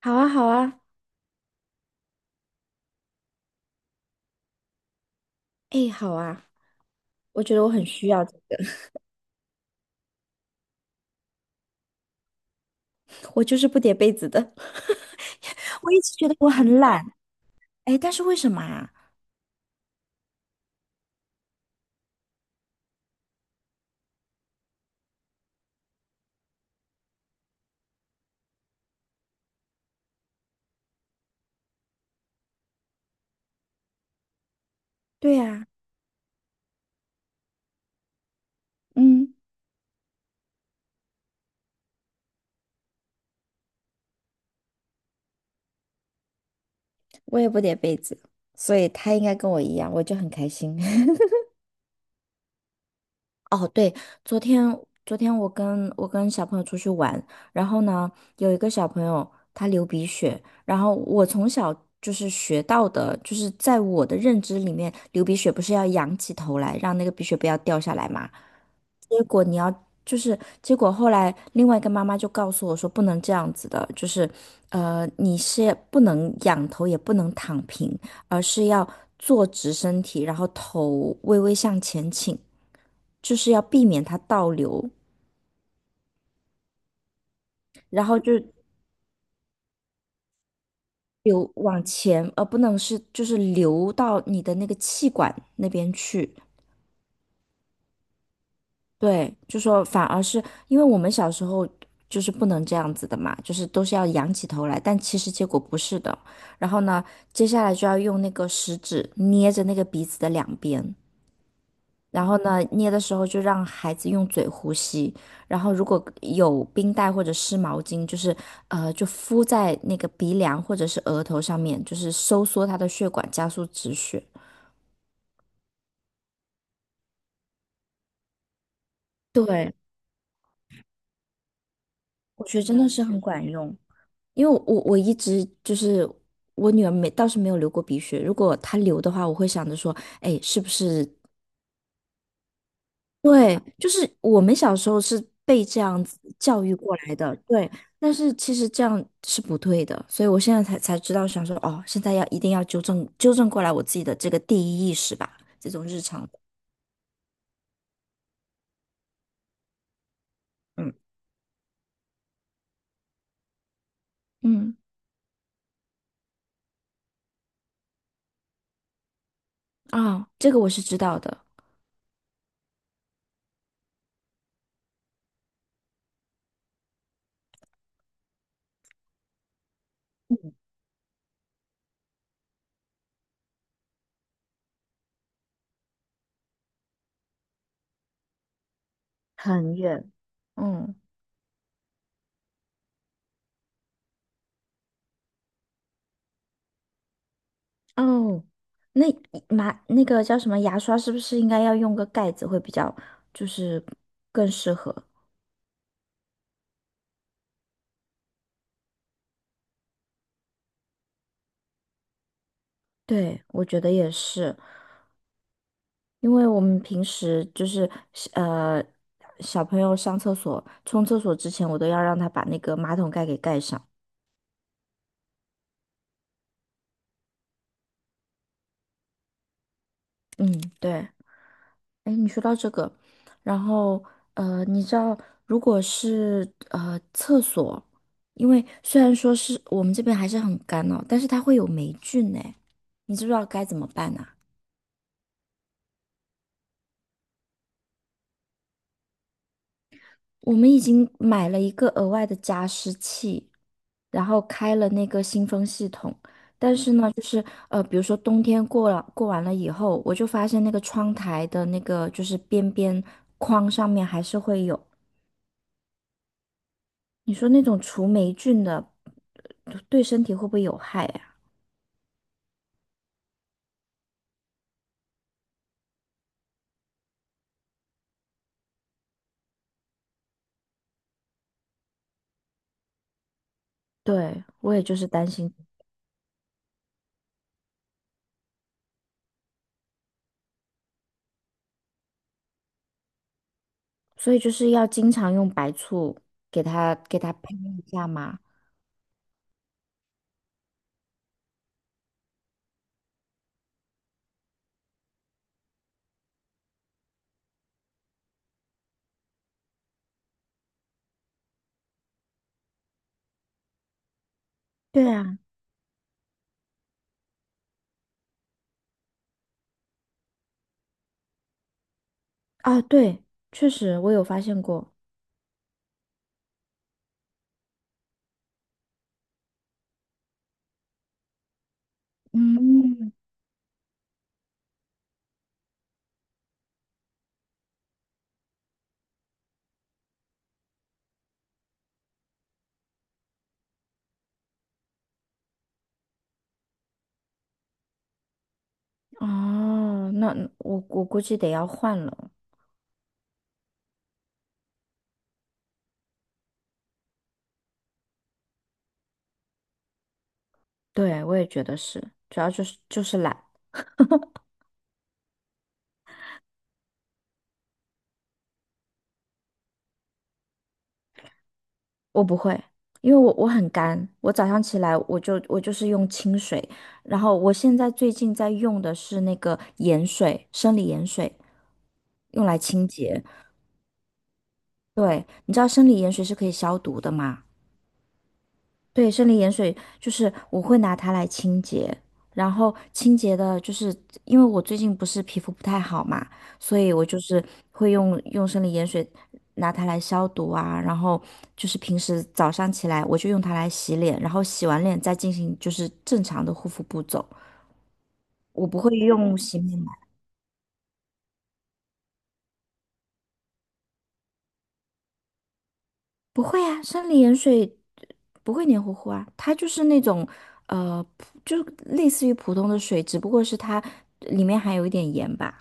好啊，好啊，哎，好啊，我觉得我很需要这个。我就是不叠被子的，我一直觉得我很懒。哎，但是为什么啊？对呀。嗯，我也不叠被子，所以他应该跟我一样，我就很开心。哦，对，昨天昨天我跟小朋友出去玩，然后呢，有一个小朋友他流鼻血。然后我从小就是学到的，就是在我的认知里面，流鼻血不是要仰起头来，让那个鼻血不要掉下来嘛？结果你要就是结果后来另外一个妈妈就告诉我说不能这样子的，就是你是不能仰头也不能躺平，而是要坐直身体，然后头微微向前倾。就是要避免它倒流，然后就流往前，而不能是就是流到你的那个气管那边去。对，就说反而是因为我们小时候就是不能这样子的嘛，就是都是要仰起头来，但其实结果不是的。然后呢，接下来就要用那个食指捏着那个鼻子的两边，然后呢，捏的时候就让孩子用嘴呼吸。然后如果有冰袋或者湿毛巾，就是就敷在那个鼻梁或者是额头上面，就是收缩他的血管，加速止血。对，我觉得真的是很管用。因为我一直就是我女儿没倒是没有流过鼻血，如果她流的话，我会想着说，哎，是不是。对，就是我们小时候是被这样子教育过来的，对。但是其实这样是不对的，所以我现在才知道，想说哦，现在一定要纠正纠正过来我自己的这个第一意识吧，这种日常的。嗯嗯。啊、这个我是知道的。很远。嗯。哦，那那个叫什么牙刷是不是应该要用个盖子会比较，就是更适合？对，我觉得也是。因为我们平时就是呃，小朋友上厕所、冲厕所之前，我都要让他把那个马桶盖给盖上。嗯，对。哎，你说到这个。然后你知道，如果是厕所，因为虽然说是我们这边还是很干哦，但是它会有霉菌呢，你知不知道该怎么办呢？我们已经买了一个额外的加湿器，然后开了那个新风系统。但是呢，就是比如说冬天过完了以后，我就发现那个窗台的那个就是边框上面还是会有。你说那种除霉菌的，对身体会不会有害呀？对，我也就是担心。所以就是要经常用白醋给它喷一下嘛。对啊。啊对，确实我有发现过。嗯。哦，那我估计得要换了。对，我也觉得是，主要就是懒。我不会，因为我很干，我早上起来我就是用清水，然后我现在最近在用的是那个盐水，生理盐水，用来清洁。对，你知道生理盐水是可以消毒的吗？对，生理盐水就是我会拿它来清洁，然后清洁的，就是因为我最近不是皮肤不太好嘛，所以我就是会用用生理盐水拿它来消毒啊，然后就是平时早上起来我就用它来洗脸，然后洗完脸再进行就是正常的护肤步骤，我不会用洗面奶。不会啊，生理盐水不会黏糊糊啊，它就是那种呃，就类似于普通的水，只不过是它里面含有一点盐吧。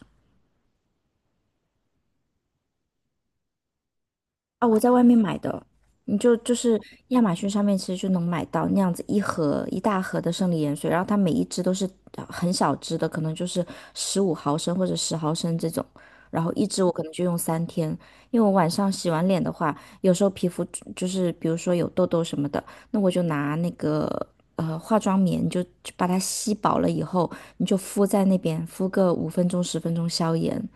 啊，我在外面买的。就是亚马逊上面其实就能买到那样子一大盒的生理盐水，然后它每一支都是很小支的，可能就是15毫升或者10毫升这种，然后一支我可能就用3天。因为我晚上洗完脸的话，有时候皮肤就是比如说有痘痘什么的，那我就拿那个化妆棉就把它吸饱了以后，你就敷在那边敷个五分钟十分钟消炎。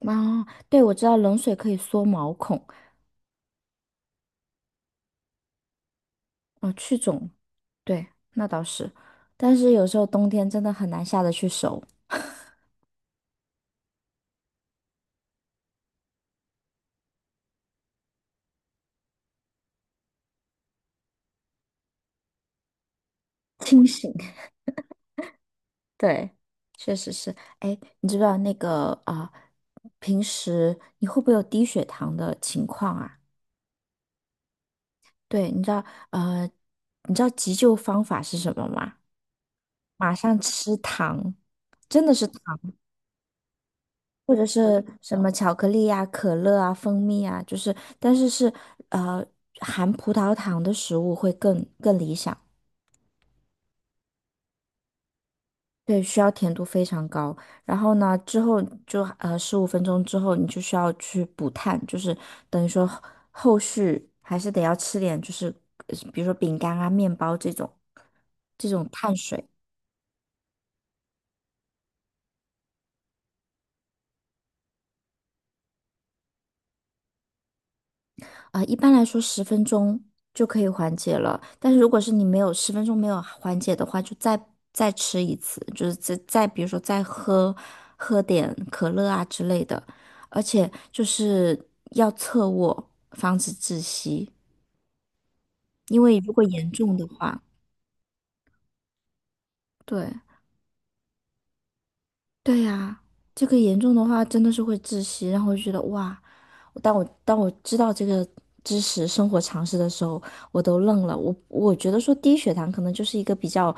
啊，对，我知道冷水可以缩毛孔。哦，去肿，对，那倒是。但是有时候冬天真的很难下得去手。清醒。对，确实是。哎，你知不知道那个啊、平时你会不会有低血糖的情况啊？对，呃，你知道急救方法是什么吗？马上吃糖，真的是糖，或者是什么巧克力呀、可乐啊、蜂蜜啊，就是，但是呃含葡萄糖的食物会更理想。对，需要甜度非常高。然后呢，之后就15分钟之后，你就需要去补碳，就是等于说后续还是得要吃点，就是比如说饼干啊、面包这种碳水啊。一般来说，十分钟就可以缓解了。但是如果是你没有十分钟没有缓解的话，就再吃一次，就是再比如说再喝喝点可乐啊之类的，而且就是要侧卧，防止窒息。因为如果严重的话，对。对呀，这个严重的话真的是会窒息，然后就觉得哇，当我知道这个知识、生活常识的时候，我都愣了。我觉得说低血糖可能就是一个比较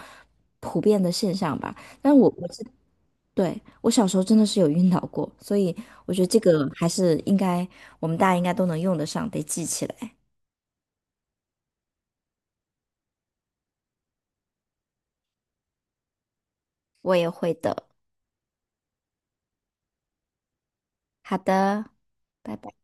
普遍的现象吧。但我我知对，我小时候真的是有晕倒过，所以我觉得这个还是我们大家应该都能用得上，得记起来。我也会的。好的，拜拜。